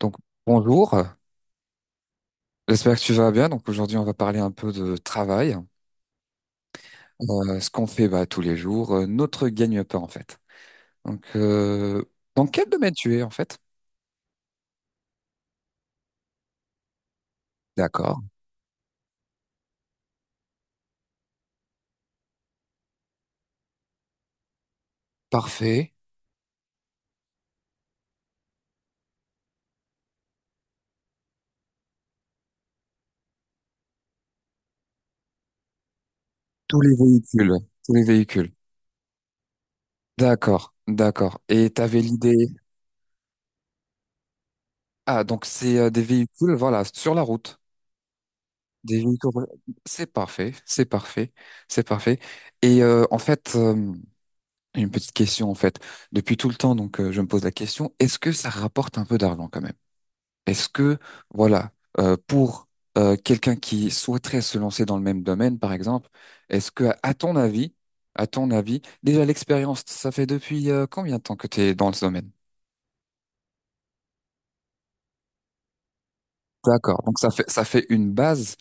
Donc, bonjour, j'espère que tu vas bien. Donc, aujourd'hui, on va parler un peu de travail. Ce qu'on fait tous les jours, notre gagne-pain en fait. Donc, euh, dans quel domaine tu es en fait? D'accord, parfait. Tous les véhicules. Tous les véhicules. D'accord, d'accord. Et tu avais l'idée. Ah, donc c'est des véhicules, voilà, sur la route. Des véhicules. C'est parfait, c'est parfait, c'est parfait. Et en fait, une petite question en fait. Depuis tout le temps, je me pose la question, est-ce que ça rapporte un peu d'argent quand même? Est-ce que, voilà, pour quelqu'un qui souhaiterait se lancer dans le même domaine, par exemple, est-ce que, à ton avis, déjà l'expérience, ça fait depuis combien de temps que tu es dans ce domaine? D'accord, donc ça fait une base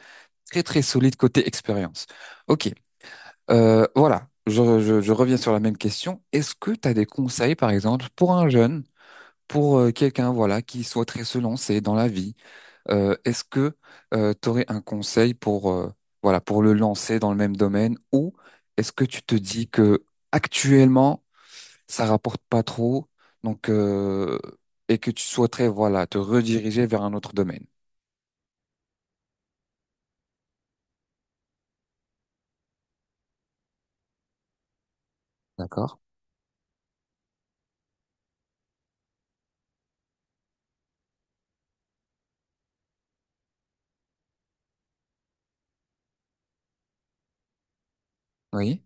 très très solide côté expérience. Ok, voilà, je reviens sur la même question. Est-ce que tu as des conseils, par exemple, pour un jeune? Pour quelqu'un voilà qui souhaiterait se lancer dans la vie, est-ce que tu aurais un conseil pour voilà pour le lancer dans le même domaine, ou est-ce que tu te dis que actuellement ça rapporte pas trop donc euh, et que tu souhaiterais voilà te rediriger vers un autre domaine? D'accord? Oui,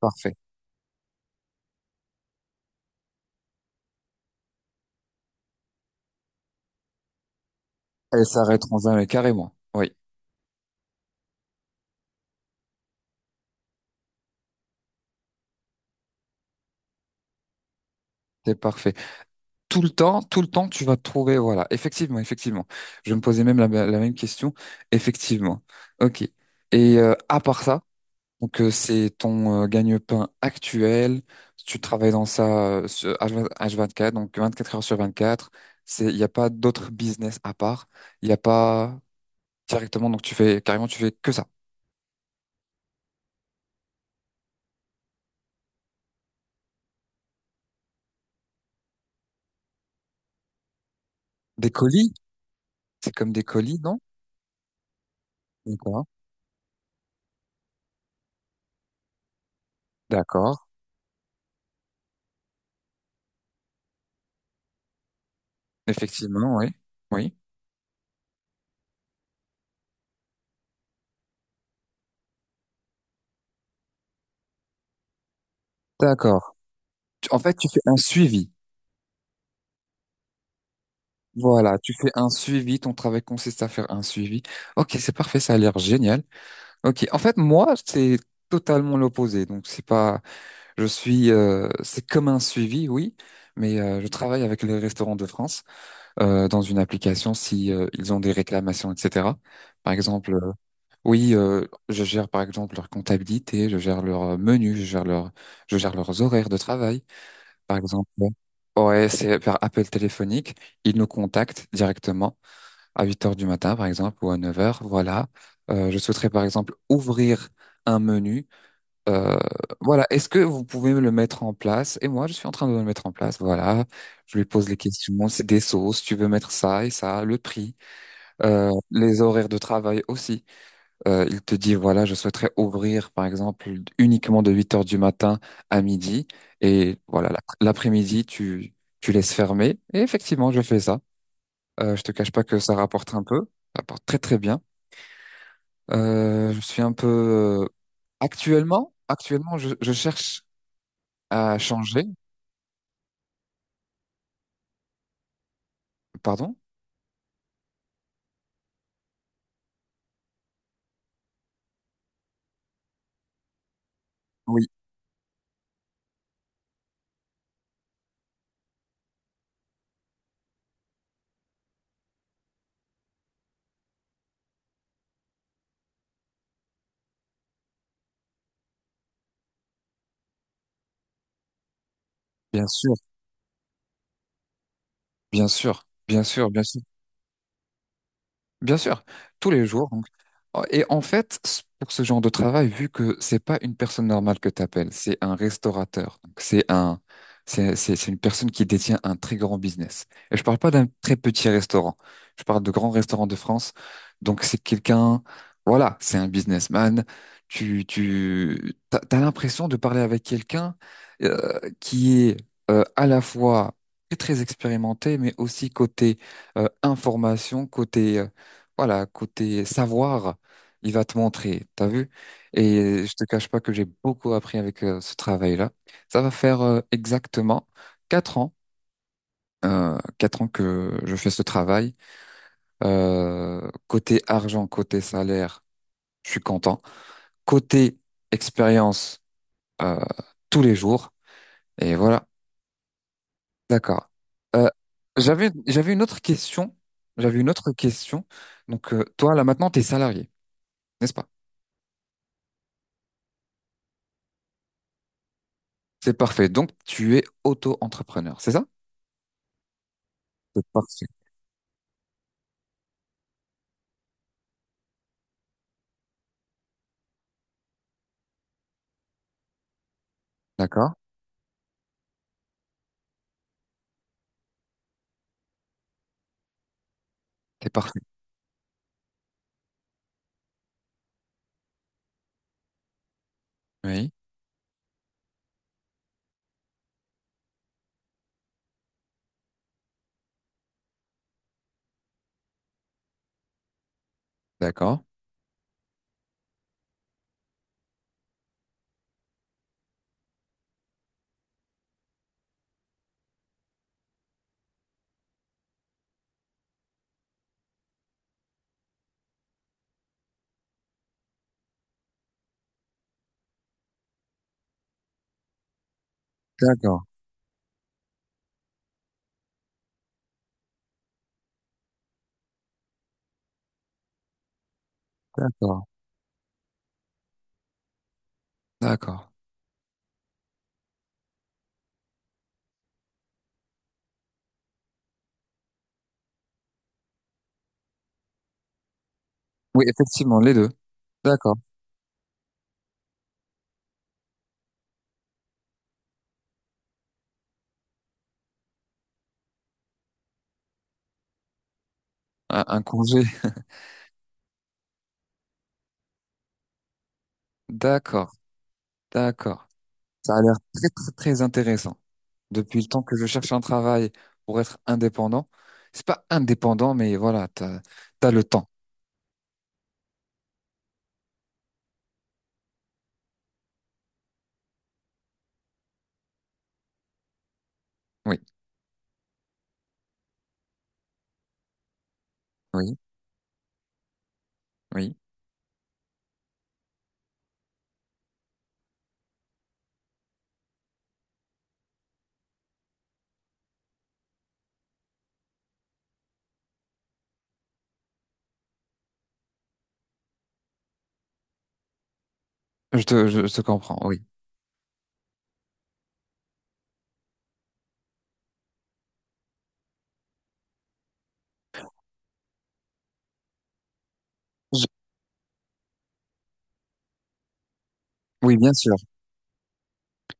parfait. Elle s'arrête en 20 carrément. Oui, c'est parfait. Tout le temps, tu vas trouver, voilà, effectivement, effectivement. Je me posais même la même question, effectivement. Ok. Et à part ça, c'est ton gagne-pain actuel, tu travailles dans ça sur H20 H24, donc 24 heures sur 24. C'est, il n'y a pas d'autre business à part, il n'y a pas directement, donc tu fais, carrément, tu fais que ça. Des colis, c'est comme des colis, non? D'accord, d'accord, effectivement, oui, oui. D'accord. En fait, tu fais un suivi. Voilà, tu fais un suivi, ton travail consiste à faire un suivi. Ok, c'est parfait, ça a l'air génial. Ok, en fait, moi, c'est totalement l'opposé. Donc, c'est pas, je suis, c'est comme un suivi, oui, mais je travaille avec les restaurants de France dans une application si ils ont des réclamations, etc. Par exemple, oui, je gère par exemple leur comptabilité, je gère leur menu, je gère je gère leurs horaires de travail. Par exemple, ouais, c'est par appel téléphonique, ils nous contactent directement à 8 heures du matin, par exemple, ou à 9 heures. Voilà. Je souhaiterais, par exemple, ouvrir un menu. Euh, voilà. Est-ce que vous pouvez me le mettre en place? Et moi, je suis en train de le mettre en place. Voilà. Je lui pose les questions. C'est des sauces. Tu veux mettre ça et ça, le prix, les horaires de travail aussi. Il te dit, voilà, je souhaiterais ouvrir, par exemple, uniquement de 8 heures du matin à midi. Et voilà, l'après-midi, tu laisses fermer. Et effectivement, je fais ça. Je te cache pas que ça rapporte un peu, ça rapporte très très bien. Je suis un peu euh, actuellement, actuellement, je cherche à changer. Pardon? Oui, bien sûr, bien sûr, bien sûr, bien sûr. Bien sûr, tous les jours. Donc. Oh, et en fait, pour ce genre de travail, vu que c'est pas une personne normale que t'appelles, c'est un restaurateur. Donc c'est une personne qui détient un très grand business. Et je parle pas d'un très petit restaurant. Je parle de grands restaurants de France. Donc c'est quelqu'un, voilà, c'est un businessman. T'as l'impression de parler avec quelqu'un qui est à la fois très très expérimenté, mais aussi côté information, côté voilà, côté savoir, il va te montrer, t'as vu? Et je te cache pas que j'ai beaucoup appris avec ce travail-là. Ça va faire exactement 4 ans, 4 ans que je fais ce travail. Côté argent, côté salaire, je suis content. Côté expérience, euh, tous les jours. Et voilà, d'accord. Euh, j'avais une autre question. J'avais une autre question. Donc, toi, là, maintenant, t'es salarié, n'est-ce pas? C'est parfait. Donc, tu es auto-entrepreneur, c'est ça? C'est parfait. D'accord. C'est parfait. Oui. D'accord. D'accord. D'accord. D'accord. Oui, effectivement, les deux. D'accord. Un congé. D'accord. D'accord. Ça a l'air très, très, très intéressant. Depuis le temps que je cherche un travail pour être indépendant, c'est pas indépendant, mais voilà, t'as, t'as le temps. Oui. Oui. Oui. Je te comprends. Oui. Je- oui, bien sûr.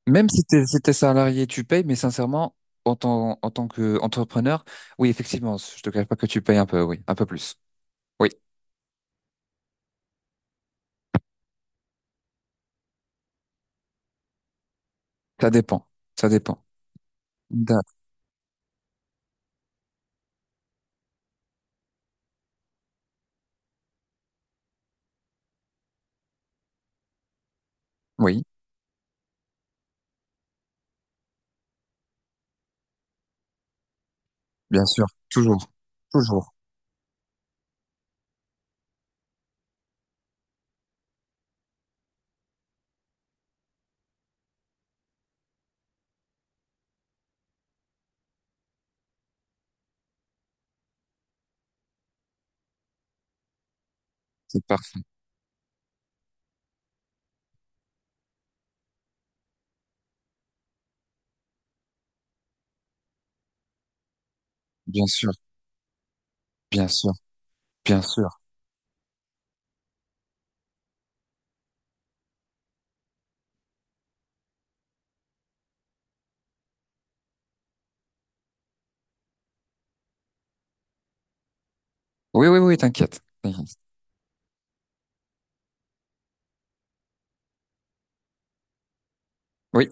Même si t'es, si t'es salarié, tu payes, mais sincèrement, en tant qu'entrepreneur, oui, effectivement, je te cache pas que tu payes un peu, oui, un peu plus. Oui, ça dépend, ça dépend. Da- oui, bien sûr, toujours, toujours. C'est parfait. Bien sûr, bien sûr, bien sûr. Oui, oui, oui, t'inquiète. T'inquiète. Oui,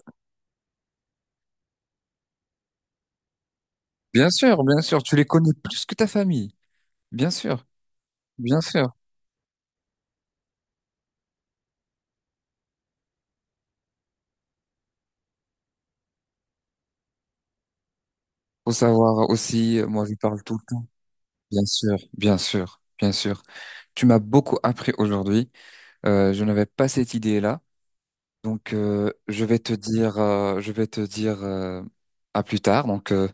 bien sûr, tu les connais plus que ta famille. Bien sûr, bien sûr. Faut savoir aussi, moi, je lui parle tout le temps. Bien sûr, bien sûr, bien sûr. Tu m'as beaucoup appris aujourd'hui. Je n'avais pas cette idée-là. Donc, je vais te dire à plus tard. Donc,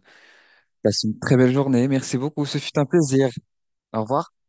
passe une très belle journée. Merci beaucoup. Ce fut un plaisir. Au revoir.